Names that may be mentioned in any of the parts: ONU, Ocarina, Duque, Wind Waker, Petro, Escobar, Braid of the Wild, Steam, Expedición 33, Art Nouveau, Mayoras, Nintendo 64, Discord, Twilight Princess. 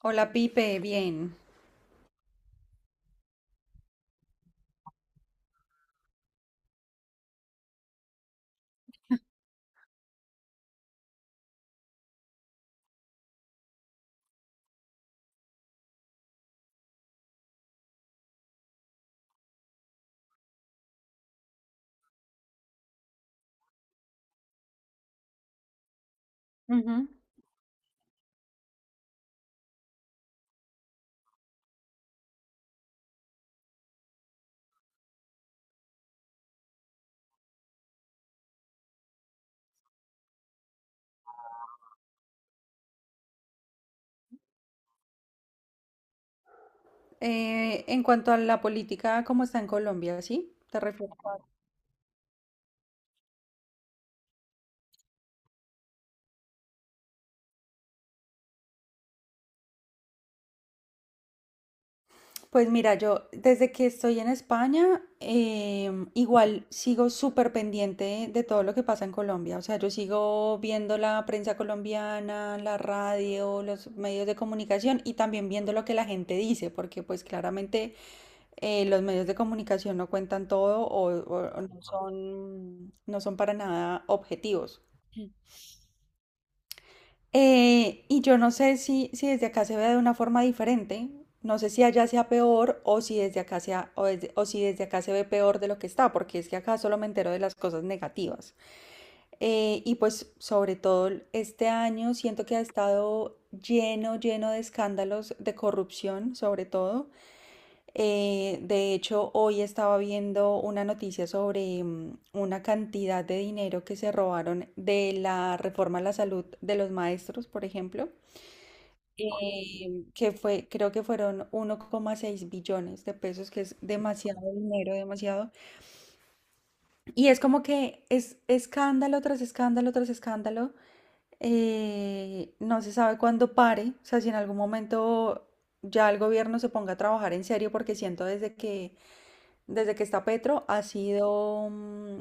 Hola Pipe, bien. Ujú. En cuanto a la política, ¿cómo está en Colombia? ¿Sí? ¿Te refieres? Pues mira, yo desde que estoy en España, igual sigo súper pendiente de todo lo que pasa en Colombia. O sea, yo sigo viendo la prensa colombiana, la radio, los medios de comunicación y también viendo lo que la gente dice, porque pues claramente los medios de comunicación no cuentan todo o no son, no son para nada objetivos. Y yo no sé si, si desde acá se vea de una forma diferente, no sé si allá sea peor o si desde acá sea, o si desde acá se ve peor de lo que está, porque es que acá solo me entero de las cosas negativas. Y pues sobre todo este año siento que ha estado lleno, lleno de escándalos de corrupción, sobre todo. De hecho, hoy estaba viendo una noticia sobre una cantidad de dinero que se robaron de la reforma a la salud de los maestros, por ejemplo que fue, creo que fueron 1,6 billones de pesos, que es demasiado dinero, demasiado. Y es como que es escándalo tras escándalo tras escándalo. No se sabe cuándo pare, o sea, si en algún momento ya el gobierno se ponga a trabajar en serio, porque siento desde que está Petro ha sido,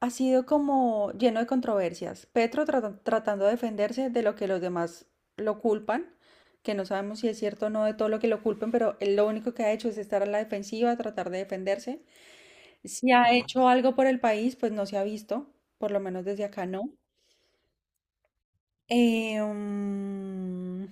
ha sido como lleno de controversias. Tratando de defenderse de lo que los demás lo culpan, que no sabemos si es cierto o no de todo lo que lo culpen, pero él lo único que ha hecho es estar a la defensiva, tratar de defenderse. Si ha hecho algo por el país, pues no se ha visto, por lo menos desde acá no. Eh, mm,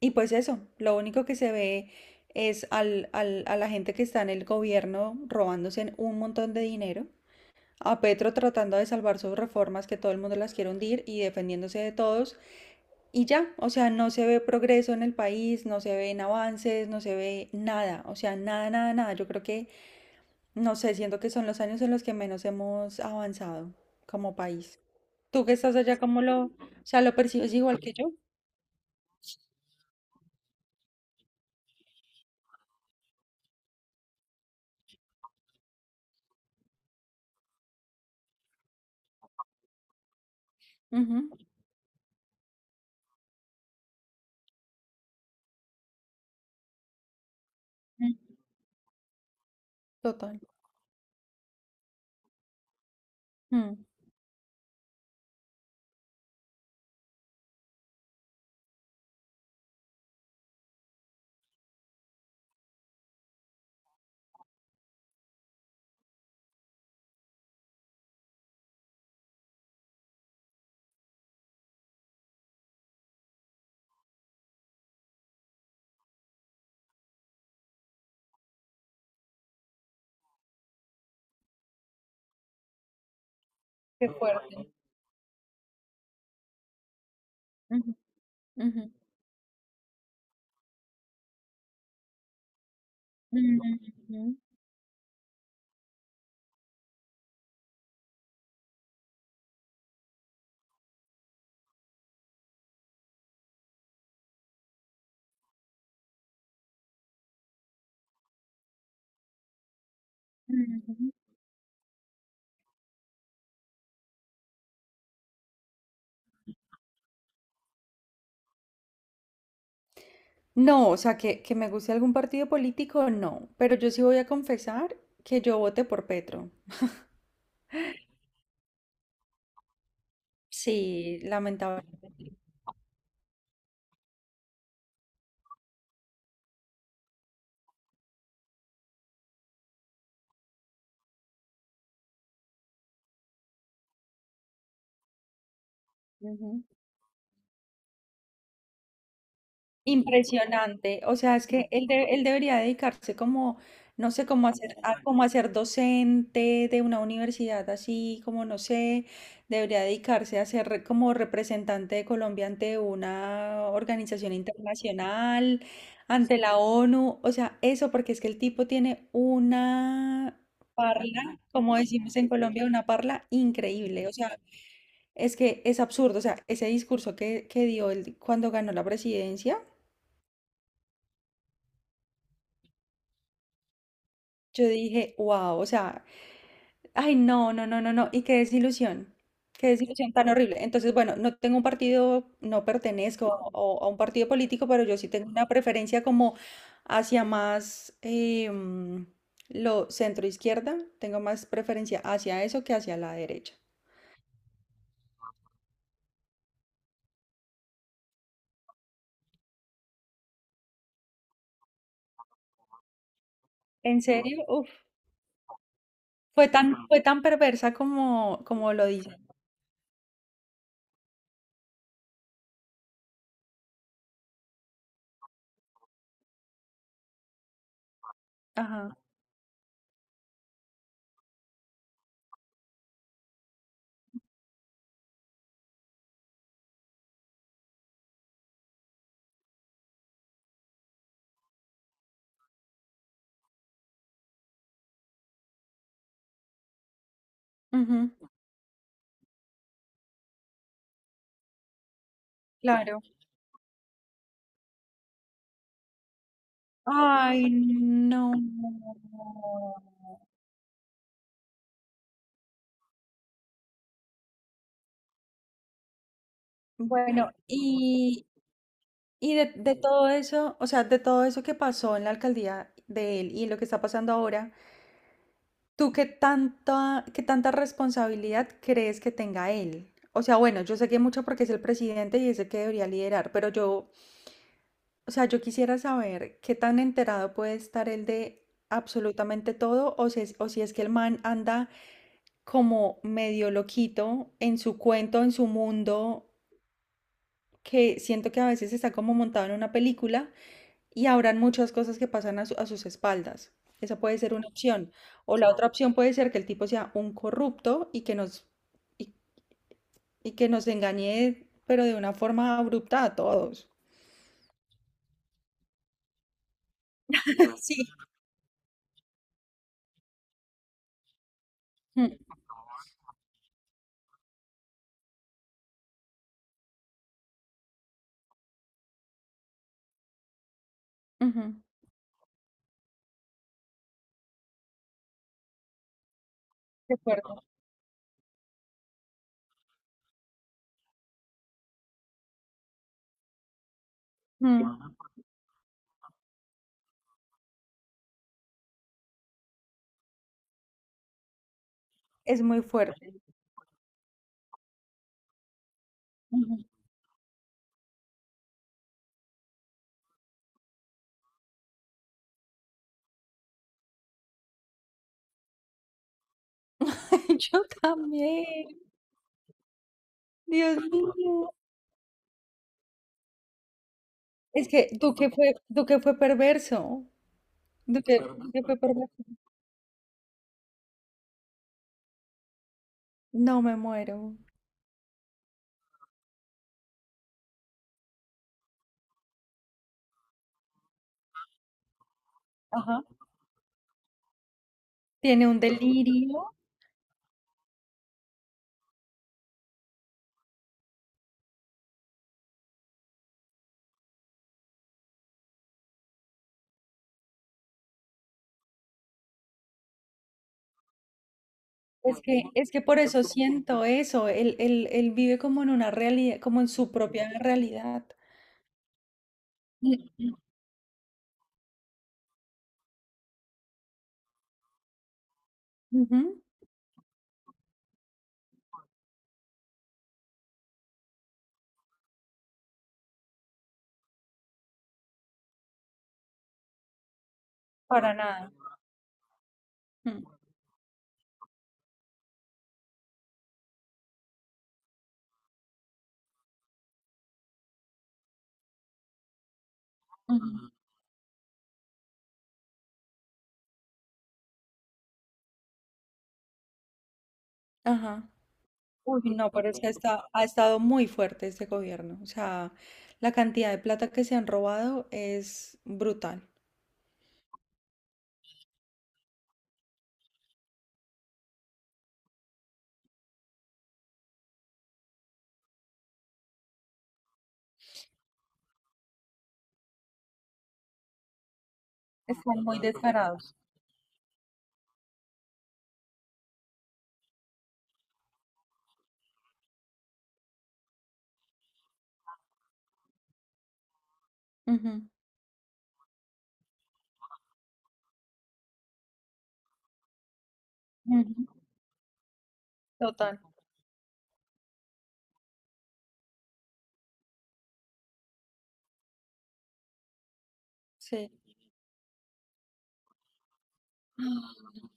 y pues eso, lo único que se ve es a la gente que está en el gobierno robándose un montón de dinero. A Petro tratando de salvar sus reformas que todo el mundo las quiere hundir y defendiéndose de todos y ya, o sea, no se ve progreso en el país, no se ven avances, no se ve nada, o sea, nada, nada, nada. Yo creo que, no sé, siento que son los años en los que menos hemos avanzado como país. Tú que estás allá, ¿cómo lo, o sea, lo percibes igual que yo? Ujú, mm, total, mm, qué fuerte. Ujú, ujú, ujú, ujú, ujú. No, o sea, que me guste algún partido político, no. Pero yo sí voy a confesar que yo voté por Petro. Sí, lamentable. Ujú. Impresionante. O sea, es que él, él debería dedicarse como, no sé, como a ser, como a ser docente de una universidad así, como no sé, debería dedicarse como representante de Colombia ante una organización internacional, ante la ONU. O sea, eso porque es que el tipo tiene una parla, como decimos en Colombia, una parla increíble. O sea, es que es absurdo. O sea, ese discurso que dio él cuando ganó la presidencia. Yo dije, wow, o sea, ay, no, no, no, no, no, y qué desilusión tan horrible. Entonces, bueno, no tengo un partido, no pertenezco a, a un partido político, pero yo sí tengo una preferencia como hacia más lo centro izquierda, tengo más preferencia hacia eso que hacia la derecha. ¿En serio? Uf, fue tan perversa como, como lo dicen. Ajá, ujú, claro. Ay, no. Bueno, y de todo eso, o sea, de todo eso que pasó en la alcaldía de él y lo que está pasando ahora, ¿tú qué tanta responsabilidad crees que tenga él? O sea, bueno, yo sé que mucho porque es el presidente y es el que debería liderar, pero yo, o sea, yo quisiera saber qué tan enterado puede estar él de absolutamente todo o si es que el man anda como medio loquito en su cuento, en su mundo, que siento que a veces está como montado en una película. Y habrán muchas cosas que pasan a, a sus espaldas. Esa puede ser una opción. O la otra opción puede ser que el tipo sea un corrupto y, y que nos engañe, pero de una forma abrupta a todos. Sí. Mm, ujú, de acuerdo. Mm, es muy fuerte. Yo también. Dios mío. Es que Duque fue perverso. Duque, Duque fue perverso. No me muero. Ajá. Tiene un delirio. Es que por eso siento eso, él vive como en una realidad, como en su propia realidad. Mm, mm, ujú, para nada. Mm, ujú, ajá. Uy, no, pero es que ha estado muy fuerte este gobierno. O sea, la cantidad de plata que se han robado es brutal. Están muy descarados. Ujú, ujú, total, sí.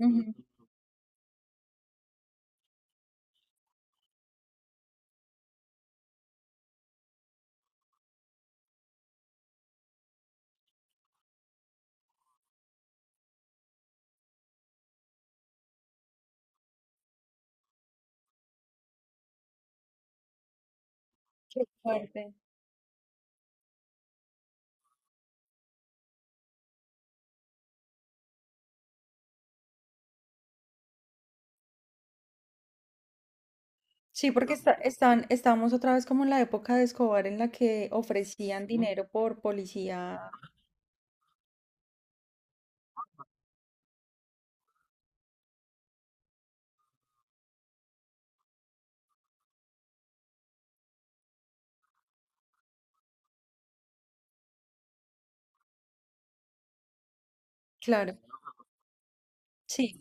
Ujú, qué fuerte. Sí, porque está, están, estábamos otra vez como en la época de Escobar en la que ofrecían dinero por policía. Claro, sí.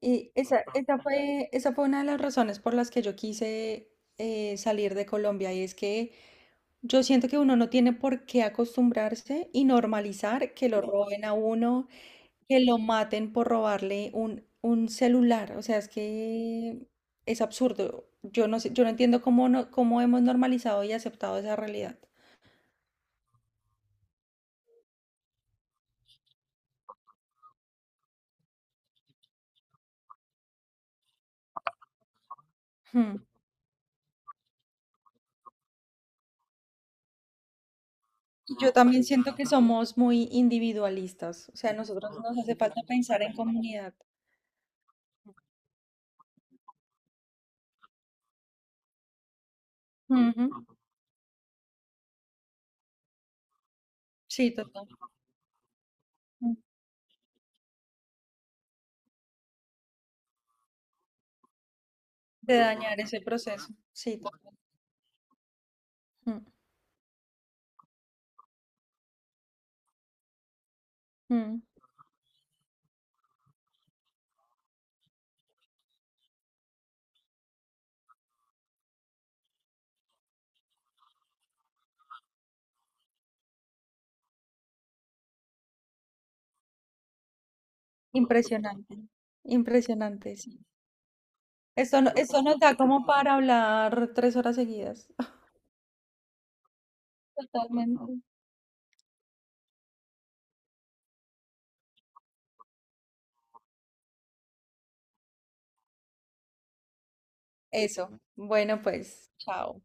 Y esa, esa fue una de las razones por las que yo quise salir de Colombia. Y es que yo siento que uno no tiene por qué acostumbrarse y normalizar que lo roben a uno, que lo maten por robarle un celular. O sea, es que es absurdo. Yo no sé, yo no entiendo cómo, no, cómo hemos normalizado y aceptado esa realidad. Hmm. Yo también siento que somos muy individualistas, o sea, a nosotros nos hace falta pensar en comunidad. Ujú, sí, total. Mm, de dañar ese proceso. Sí, total. Mm, mm, impresionante. Impresionante, sí. Esto, esto nos da como para hablar 3 horas seguidas. Totalmente. Eso. Bueno, pues, chao.